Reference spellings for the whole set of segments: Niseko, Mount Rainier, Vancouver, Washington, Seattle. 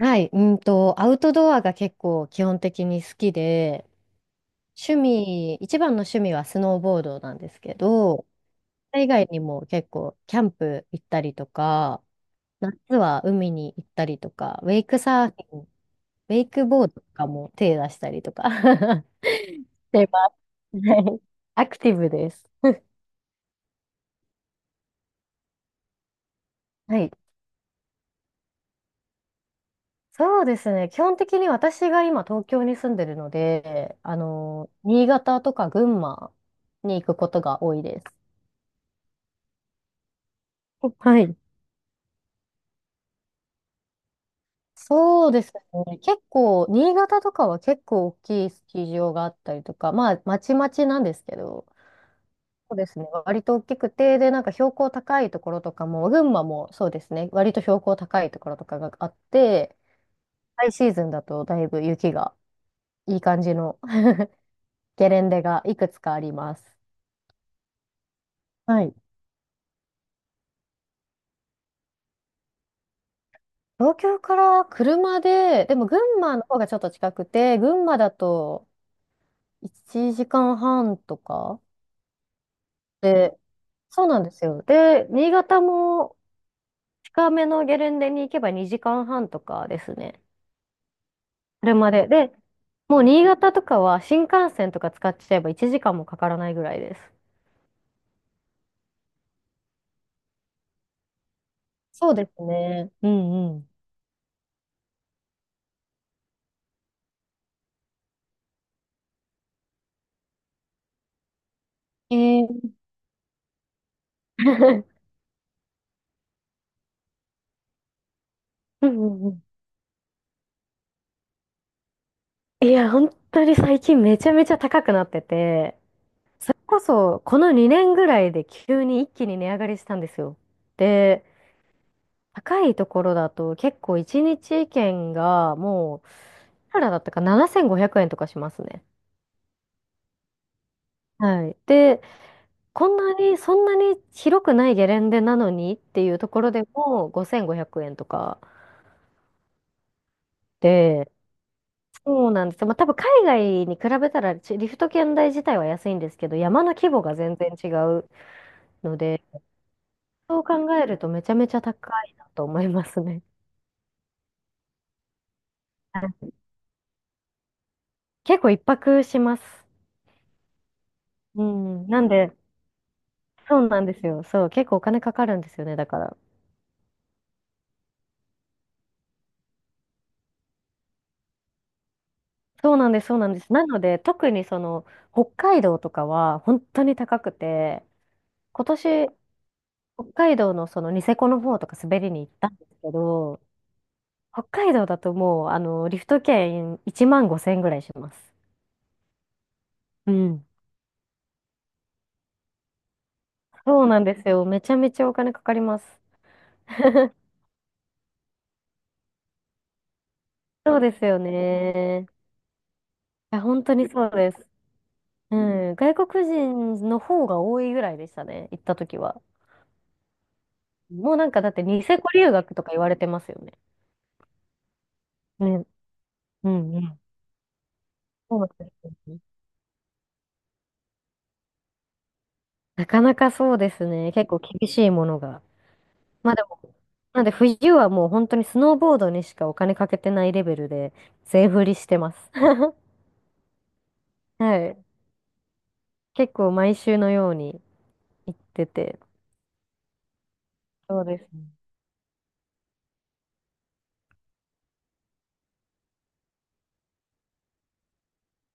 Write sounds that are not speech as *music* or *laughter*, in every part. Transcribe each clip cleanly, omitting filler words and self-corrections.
はい、アウトドアが結構基本的に好きで、趣味、一番の趣味はスノーボードなんですけど、それ以外にも結構キャンプ行ったりとか、夏は海に行ったりとか、ウェイクサーフィン、ウェイクボードとかも手出したりとか *laughs* してます。はい、アクティブです。はい。そうですね。基本的に私が今東京に住んでるので、新潟とか群馬に行くことが多いです。はい。そうですね。結構、新潟とかは結構大きいスキー場があったりとか、まあ、まちまちなんですけど、そうですね。割と大きくて、で、なんか標高高いところとかも、群馬もそうですね。割と標高高いところとかがあって、ハイシーズンだとだいぶ雪がいい感じの *laughs* ゲレンデがいくつかあります。はい。東京から車で、でも群馬の方がちょっと近くて、群馬だと1時間半とかで、そうなんですよ。で、新潟も近めのゲレンデに行けば2時間半とかですね。車で。で、もう新潟とかは新幹線とか使っちゃえば1時間もかからないぐらいです。そうですね。うんうん。*laughs* うんうんうん、いや、本当に最近めちゃめちゃ高くなってて、それこそこの2年ぐらいで急に一気に値上がりしたんですよ。で、高いところだと結構1日券がもう、いくらだったか7500円とかしますね。はい。で、こんなに、そんなに広くないゲレンデなのにっていうところでも5500円とかで、そうなんですよ。まあ多分海外に比べたらリフト券代自体は安いんですけど、山の規模が全然違うので、そう考えるとめちゃめちゃ高いなと思いますね。結構一泊します。うん。なんで、そうなんですよ。そう、結構お金かかるんですよね、だから。そうなんです、そうなんです。なので、特にその、北海道とかは本当に高くて、今年、北海道のそのニセコの方とか滑りに行ったんですけど、北海道だともう、リフト券1万5千円ぐらいします。うん。そうなんですよ。めちゃめちゃお金かかります。*laughs* そうですよね。いや、本当にそうです。うん。外国人の方が多いぐらいでしたね、行った時は。もうなんかだってニセコ留学とか言われてますよね。ね。うんうん。そうなんですよね。なかなかそうですね。結構厳しいものが。まあでも、なんで冬はもう本当にスノーボードにしかお金かけてないレベルで全振りしてます。*laughs* はい。結構毎週のように行ってて。そうですね。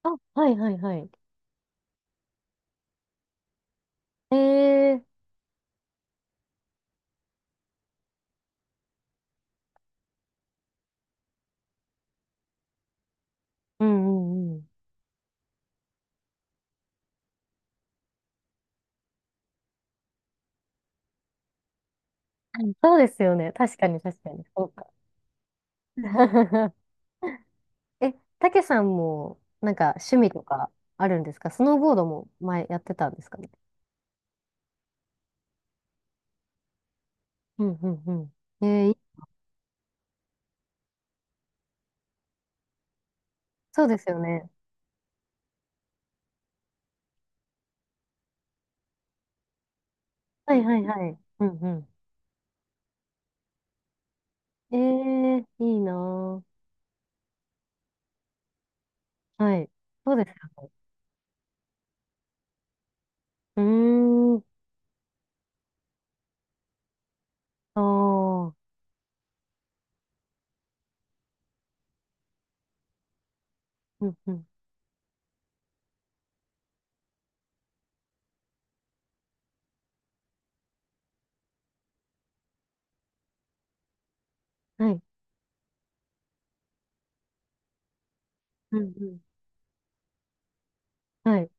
あ、はいはいはい。ええ、うんうんうん。そうですよね。確かに確かに。そうか。*laughs* え、たけさんも、なんか趣味とかあるんですか？スノーボードも前やってたんですかね？うんうんうん。えーい、そうですよね。はいはいはい。うんうん。えー、いいなぁ。はい。そうですよね。うーん。ああ。うんうん。はい。うんうん。はい。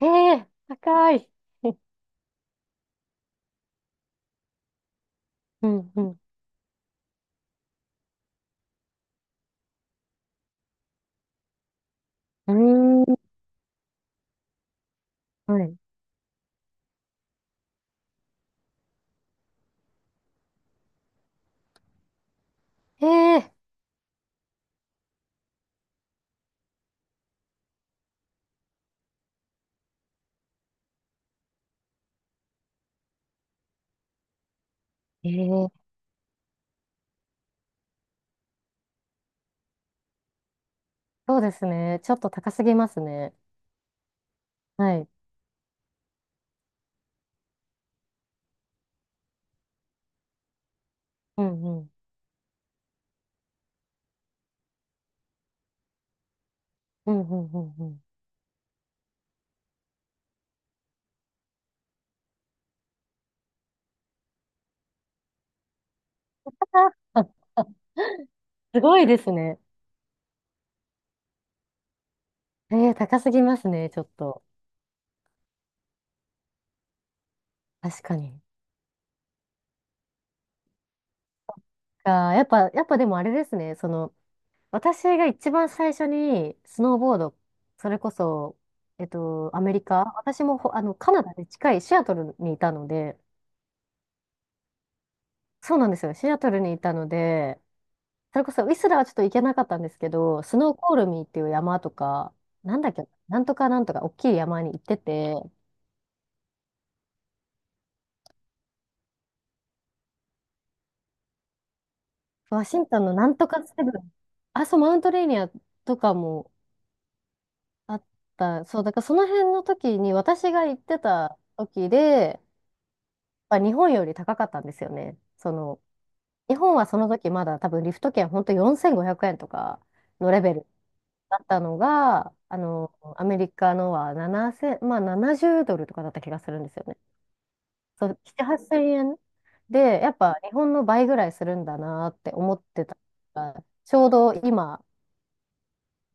ええー、高い。*laughs* うんうん。うーん。はい。ええー、えー、そうですね。ちょっと高すぎますね。はい。うんうん。うんうんうんうん。あ *laughs* すごいですね。えー、高すぎますね、ちょっと。確かに。あー、やっぱ、やっぱでもあれですね、その、私が一番最初にスノーボード、それこそ、アメリカ、私もカナダで近いシアトルにいたので、そうなんですよ、シアトルにいたので、それこそウィスラーはちょっと行けなかったんですけど、スノーコールミーっていう山とか、なんだっけ、なんとかなんとか、大きい山に行ってて、ワシントンのなんとかセブン、あ、そう、マウントレーニアとかも、あった。そう、だからその辺の時に、私が行ってた時で、まあ、日本より高かったんですよね。その、日本はその時まだ多分リフト券本当4500円とかのレベルだったのが、アメリカのは7 0まあ70ドルとかだった気がするんですよね。そう、7、8000円で、やっぱ日本の倍ぐらいするんだなって思ってたから。ちょうど今、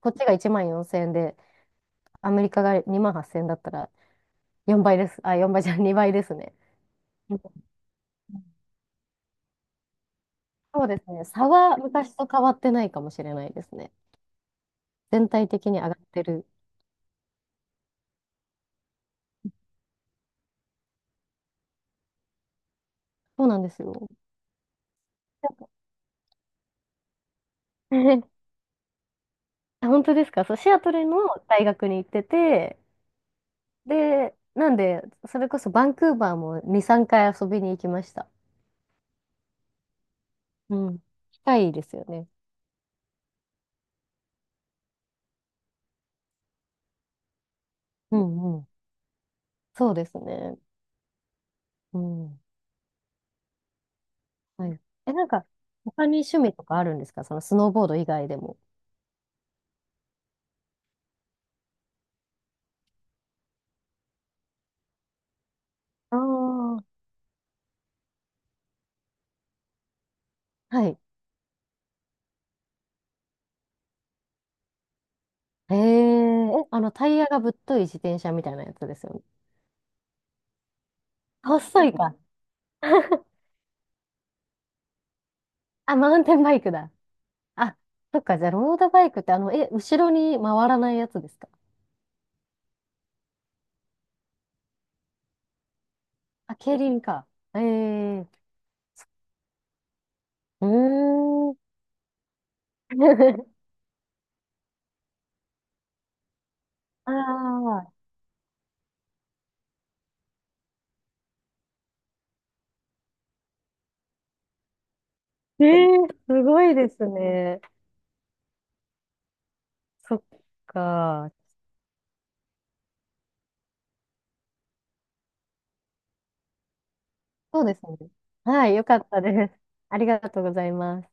こっちが1 4000円で、アメリカが2 8000円だったら、4倍です。あ、4倍じゃん、*laughs* 2倍ですね。うん、そうですね。差は昔と変わってないかもしれないですね。全体的に上がってる。そうなんですよ。*laughs* あ、本当ですか？そう、シアトルの大学に行ってて、で、なんで、それこそバンクーバーも2、3回遊びに行きました。うん。近いですよね。うんうん。そうですね。うん。はい。え、なんか、他に趣味とかあるんですか？そのスノーボード以外でも。ああ。はい。えー、え、タイヤがぶっとい自転車みたいなやつですよね？細いか。*laughs* あ、マウンテンバイクだ。あ、そっか、じゃあ、ロードバイクって、え、後ろに回らないやつですか？あ、競輪か。えー、うーん。*laughs* ああ、えー、すごいですね。そっか。そうですね。はい、よかったです。ありがとうございます。